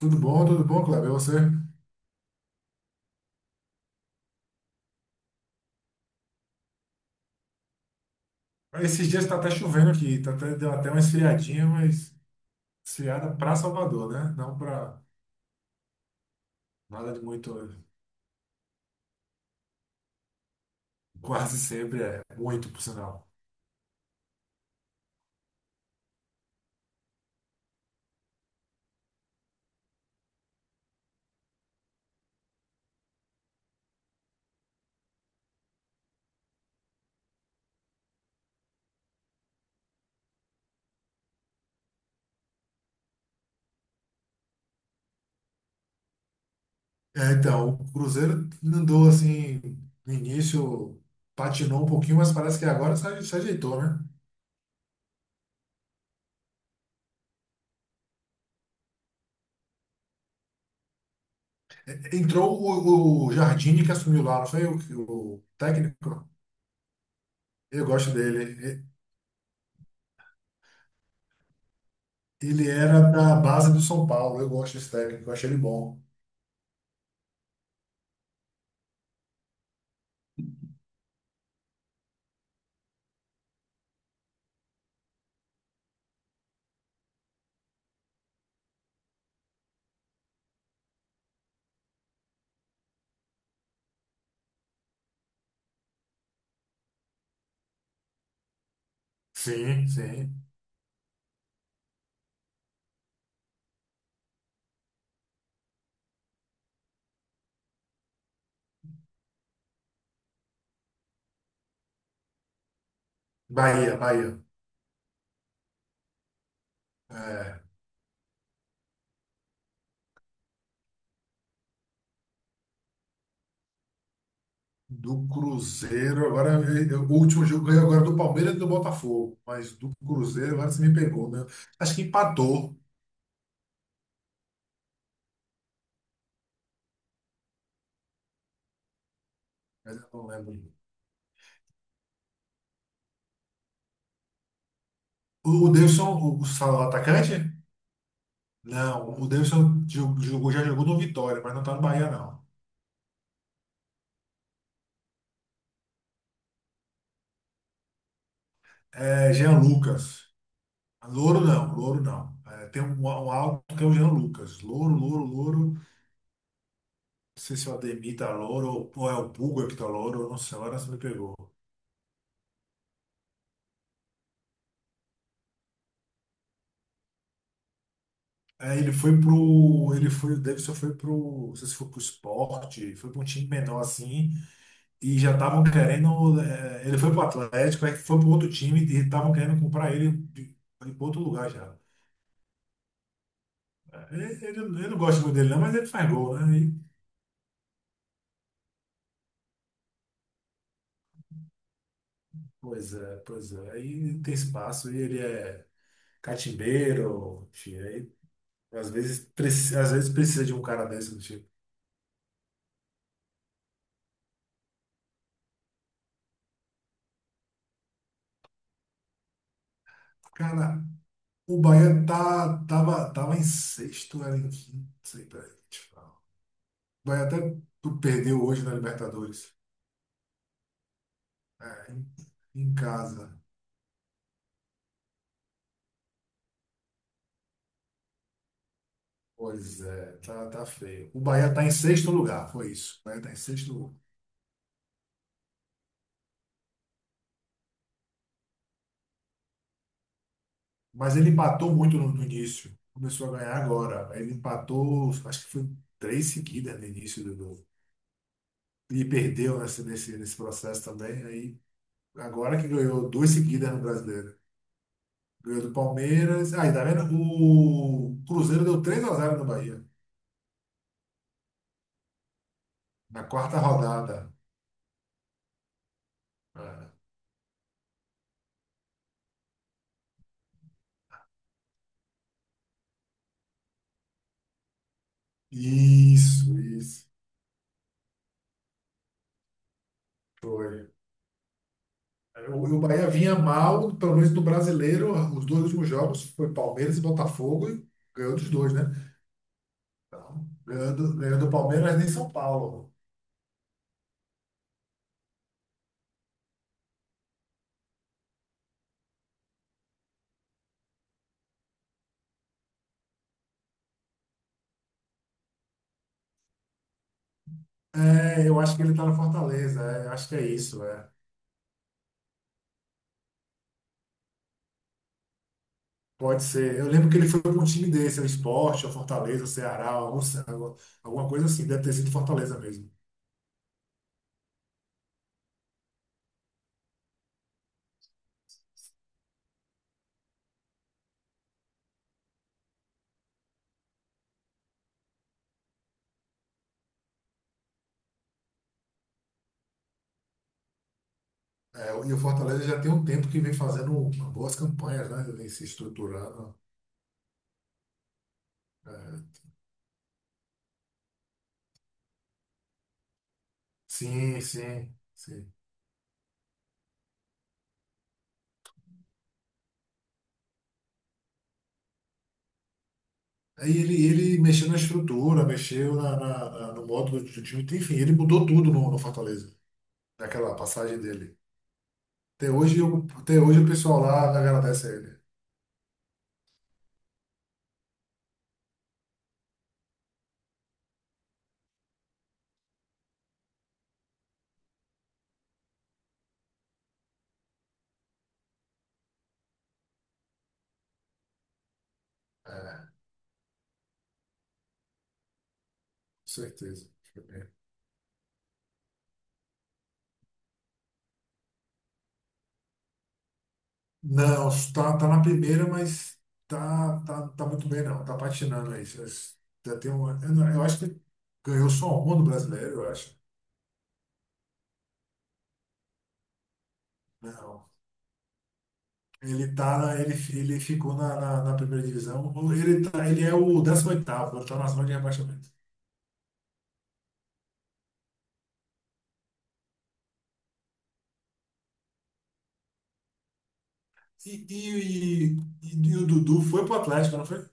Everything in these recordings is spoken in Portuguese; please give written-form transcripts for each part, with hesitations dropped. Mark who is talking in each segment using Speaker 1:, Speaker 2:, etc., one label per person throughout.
Speaker 1: Tudo bom, Cláudio? E você? Esses dias está até chovendo aqui, tá até, deu até uma esfriadinha, mas esfriada para Salvador, né? Não para nada de muito, quase sempre é muito, por sinal. É, então, o Cruzeiro andou assim, no início patinou um pouquinho, mas parece que agora se ajeitou, né? Entrou o Jardine que assumiu lá, não foi o técnico? Eu gosto dele. Ele era da base do São Paulo, eu gosto desse técnico, eu achei ele bom. Sim, sim. Bahia, Bahia. É, do Cruzeiro, agora o último jogo ganhou agora é do Palmeiras e do Botafogo, mas do Cruzeiro agora você me pegou, né? Acho que empatou, mas eu não lembro. O Davidson, fala o atacante? Não, o Davidson jogou, já jogou no Vitória, mas não tá no Bahia, não. É Jean Lucas. Louro não, Louro não. É, tem um, um alto que é o Jean Lucas. Louro, Louro, Louro. Não sei se é o Ademir tá Louro ou é o Puga que tá Louro, nossa, agora você me pegou. Aí ele foi pro. Ele foi, o Davidson foi pro. Não sei se foi pro esporte, foi pra um time menor assim, e já estavam querendo. Ele foi pro Atlético, aí foi pro outro time e estavam querendo comprar ele de outro lugar já. Ele, ele, eu não gosto muito dele, não, mas ele faz gol, né? Pois é, pois é. Aí tem espaço, e ele é catimbeiro, enfim, aí às vezes, às vezes precisa de um cara desse do tipo. Cara, o Bahia tá, tava, tava em sexto, era em quinto, sei lá. Vai até tu perdeu hoje na Libertadores. É, em casa. Pois é, tá, tá feio. O Bahia tá em sexto lugar, foi isso. O Bahia tá em sexto lugar. Mas ele empatou muito no início. Começou a ganhar agora. Ele empatou, acho que foi três seguidas no início E perdeu nesse processo também. Aí, agora que ganhou duas seguidas no Brasileiro. Ganhou do Palmeiras. Aí, tá vendo? O Cruzeiro deu 3 a zero no Bahia. Na quarta rodada. É. Isso, isso. Foi. É, o Bahia vinha mal, pelo menos no brasileiro, os dois últimos jogos foi Palmeiras e Botafogo e ganhou dos dois, né? Então, ganhou Palmeiras nem São Paulo. É, eu acho que ele tá na Fortaleza, é, eu acho que é isso, é. Pode ser. Eu lembro que ele foi para um time desse, é o Sport, é o Fortaleza, o Ceará, algum, alguma coisa assim, deve ter sido Fortaleza mesmo. É, e o Fortaleza já tem um tempo que vem fazendo boas campanhas, né? Vem se estruturando. É, sim, sim, sim. Aí ele mexeu na estrutura, mexeu no modo do time, enfim, ele mudou tudo no Fortaleza, naquela passagem dele. Até hoje, até hoje o pessoal lá agradece a ele. É, com certeza. Não, tá, tá na primeira, mas tá, tá, tá muito bem, não. Tá patinando aí. Já já tem uma, eu, não- eu acho que ganhou só uma do brasileiro, eu acho. Não. Ele tá na, ele ficou na primeira divisão. Ele, tá, ele é o décimo oitavo ele tá na zona de rebaixamento. E, e, e o Dudu foi pro Atlético, não foi?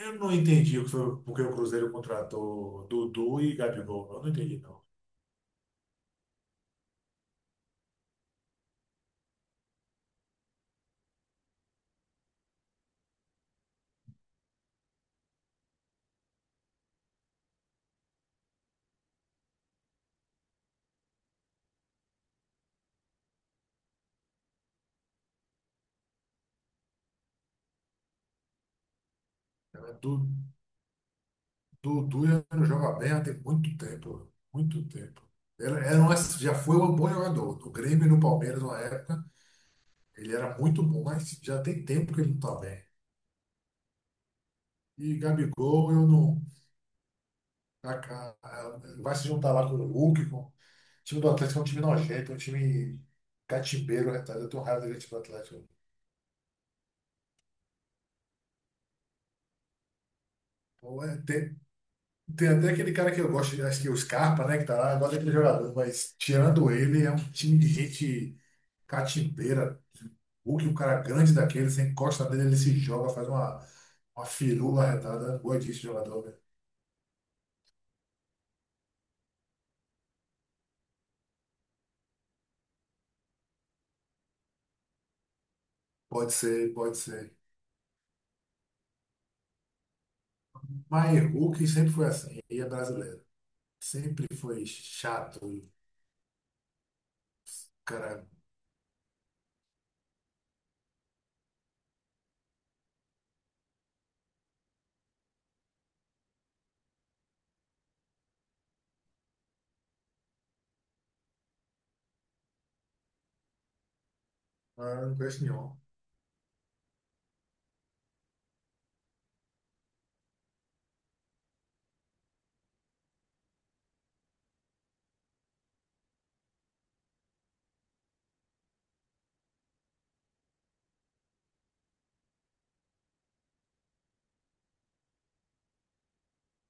Speaker 1: Eu não entendi o que foi, porque o Cruzeiro contratou Dudu e Gabigol. Eu não entendi, não. Era Du- Dudu já não joga bem há tem muito tempo. Muito tempo. Era, era um, já foi um bom jogador. No Grêmio e no Palmeiras, na época, ele era muito bom, mas já tem tempo que ele não está bem. E Gabigol, eu não. Vai se juntar lá com o Hulk, com o time do Atlético, é um time nojento, é um time catimbeiro, retalho. Eu tenho raiva do time do Atlético. Pô, é, Tem, tem até aquele cara que eu gosto, acho que é o Scarpa, né, que tá lá, eu gosto daquele jogador, mas tirando ele, é um time de gente catimbeira. O que um cara grande daquele, você encosta nele, ele se joga, faz uma firula arretada. Boa disso, jogador, velho. Pode ser, pode ser. Mas Hulk sempre foi assim, e é brasileiro. Sempre foi chato, cara. Ah, eu não conheço nenhum.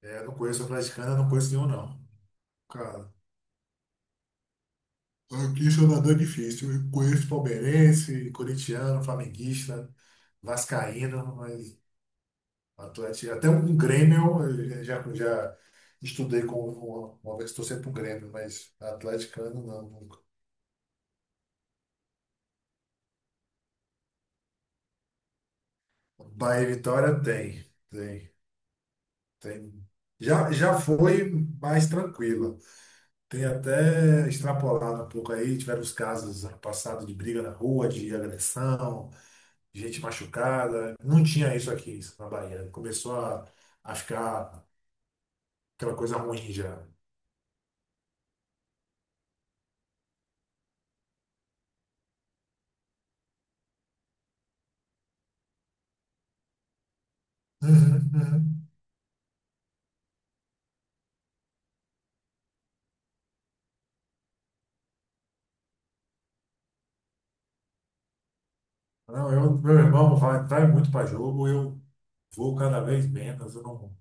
Speaker 1: É, eu não conheço o atleticano, eu não conheço nenhum, não. Cara, aqui em é difícil. Eu conheço palmeirense, corintiano, flamenguista, vascaíno, mas Atlético, até um Grêmio, eu já, já estudei com uma vez, estou sempre um Grêmio, mas atleticano não, nunca. Bahia e Vitória tem, tem, tem. Já, já foi mais tranquila. Tem até extrapolado um pouco aí, tiveram os casos ano passado de briga na rua, de agressão. Gente machucada. Não tinha isso aqui, isso na Bahia. Começou a ficar aquela coisa ruim já. Uhum, uhum. Não, eu, meu irmão vai, vai muito para jogo, eu vou cada vez menos. Eu não,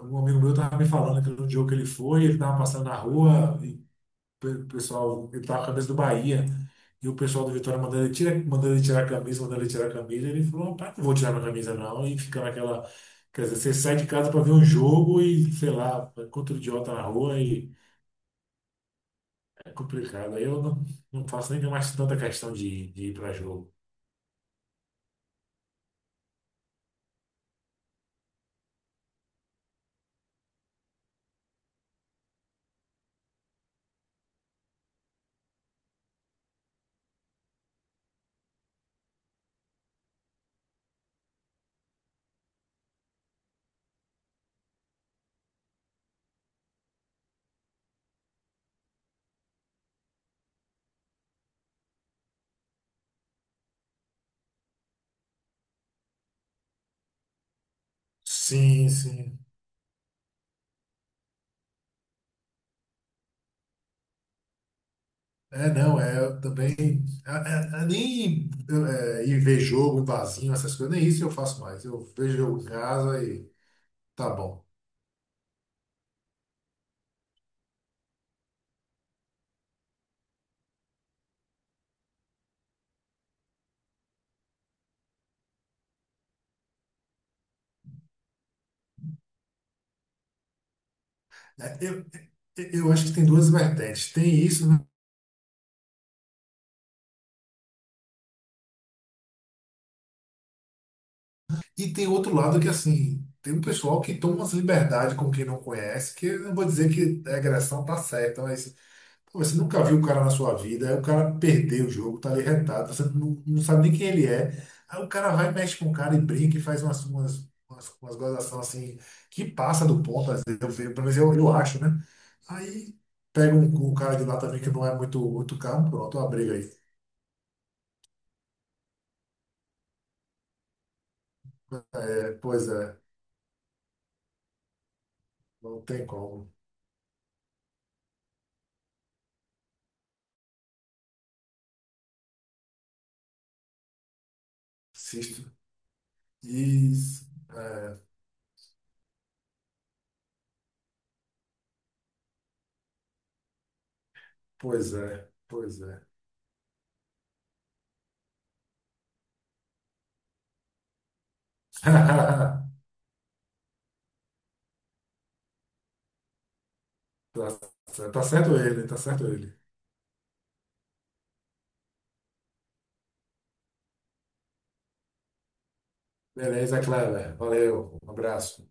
Speaker 1: um amigo meu estava me falando que no jogo que ele foi, ele estava passando na rua e o pessoal, ele estava com a camisa do Bahia. E o pessoal do Vitória mandando ele, tira, mandando ele tirar a camisa, mandando ele tirar a camisa. Ele falou, rapaz, não vou tirar minha camisa não. E fica naquela. Quer dizer, você sai de casa para ver um jogo e, sei lá, encontra o idiota na rua e é complicado. Aí eu não, não faço nem mais tanta questão de ir para jogo. Sim, sim. É, não, é eu também. É, nem ir ver jogo em barzinho, essas coisas, nem isso eu faço mais. Eu vejo jogo em casa e tá bom. É, eu, é, eu acho que tem duas vertentes. Tem isso, né? E tem outro lado que, assim, tem um pessoal que toma umas liberdades com quem não conhece, que eu não vou dizer que a agressão tá certa, mas. Pô, você nunca viu o cara na sua vida, aí o cara perdeu o jogo, tá ali retado, você não, não sabe nem quem ele é. Aí o cara vai, mexe com o cara e brinca e faz umas gozações assim, que passa do ponto, às vezes, eu, vejo, pelo menos eu acho, né? Aí pega um cara de lá também que não é muito, muito carro, pronto, uma briga aí. É, pois é, não tem como. Insisto. Isso. É, pois é, pois é. Tá, tá certo ele, tá certo ele. Beleza, Cleber. Valeu, um abraço.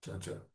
Speaker 1: Tchau, tchau.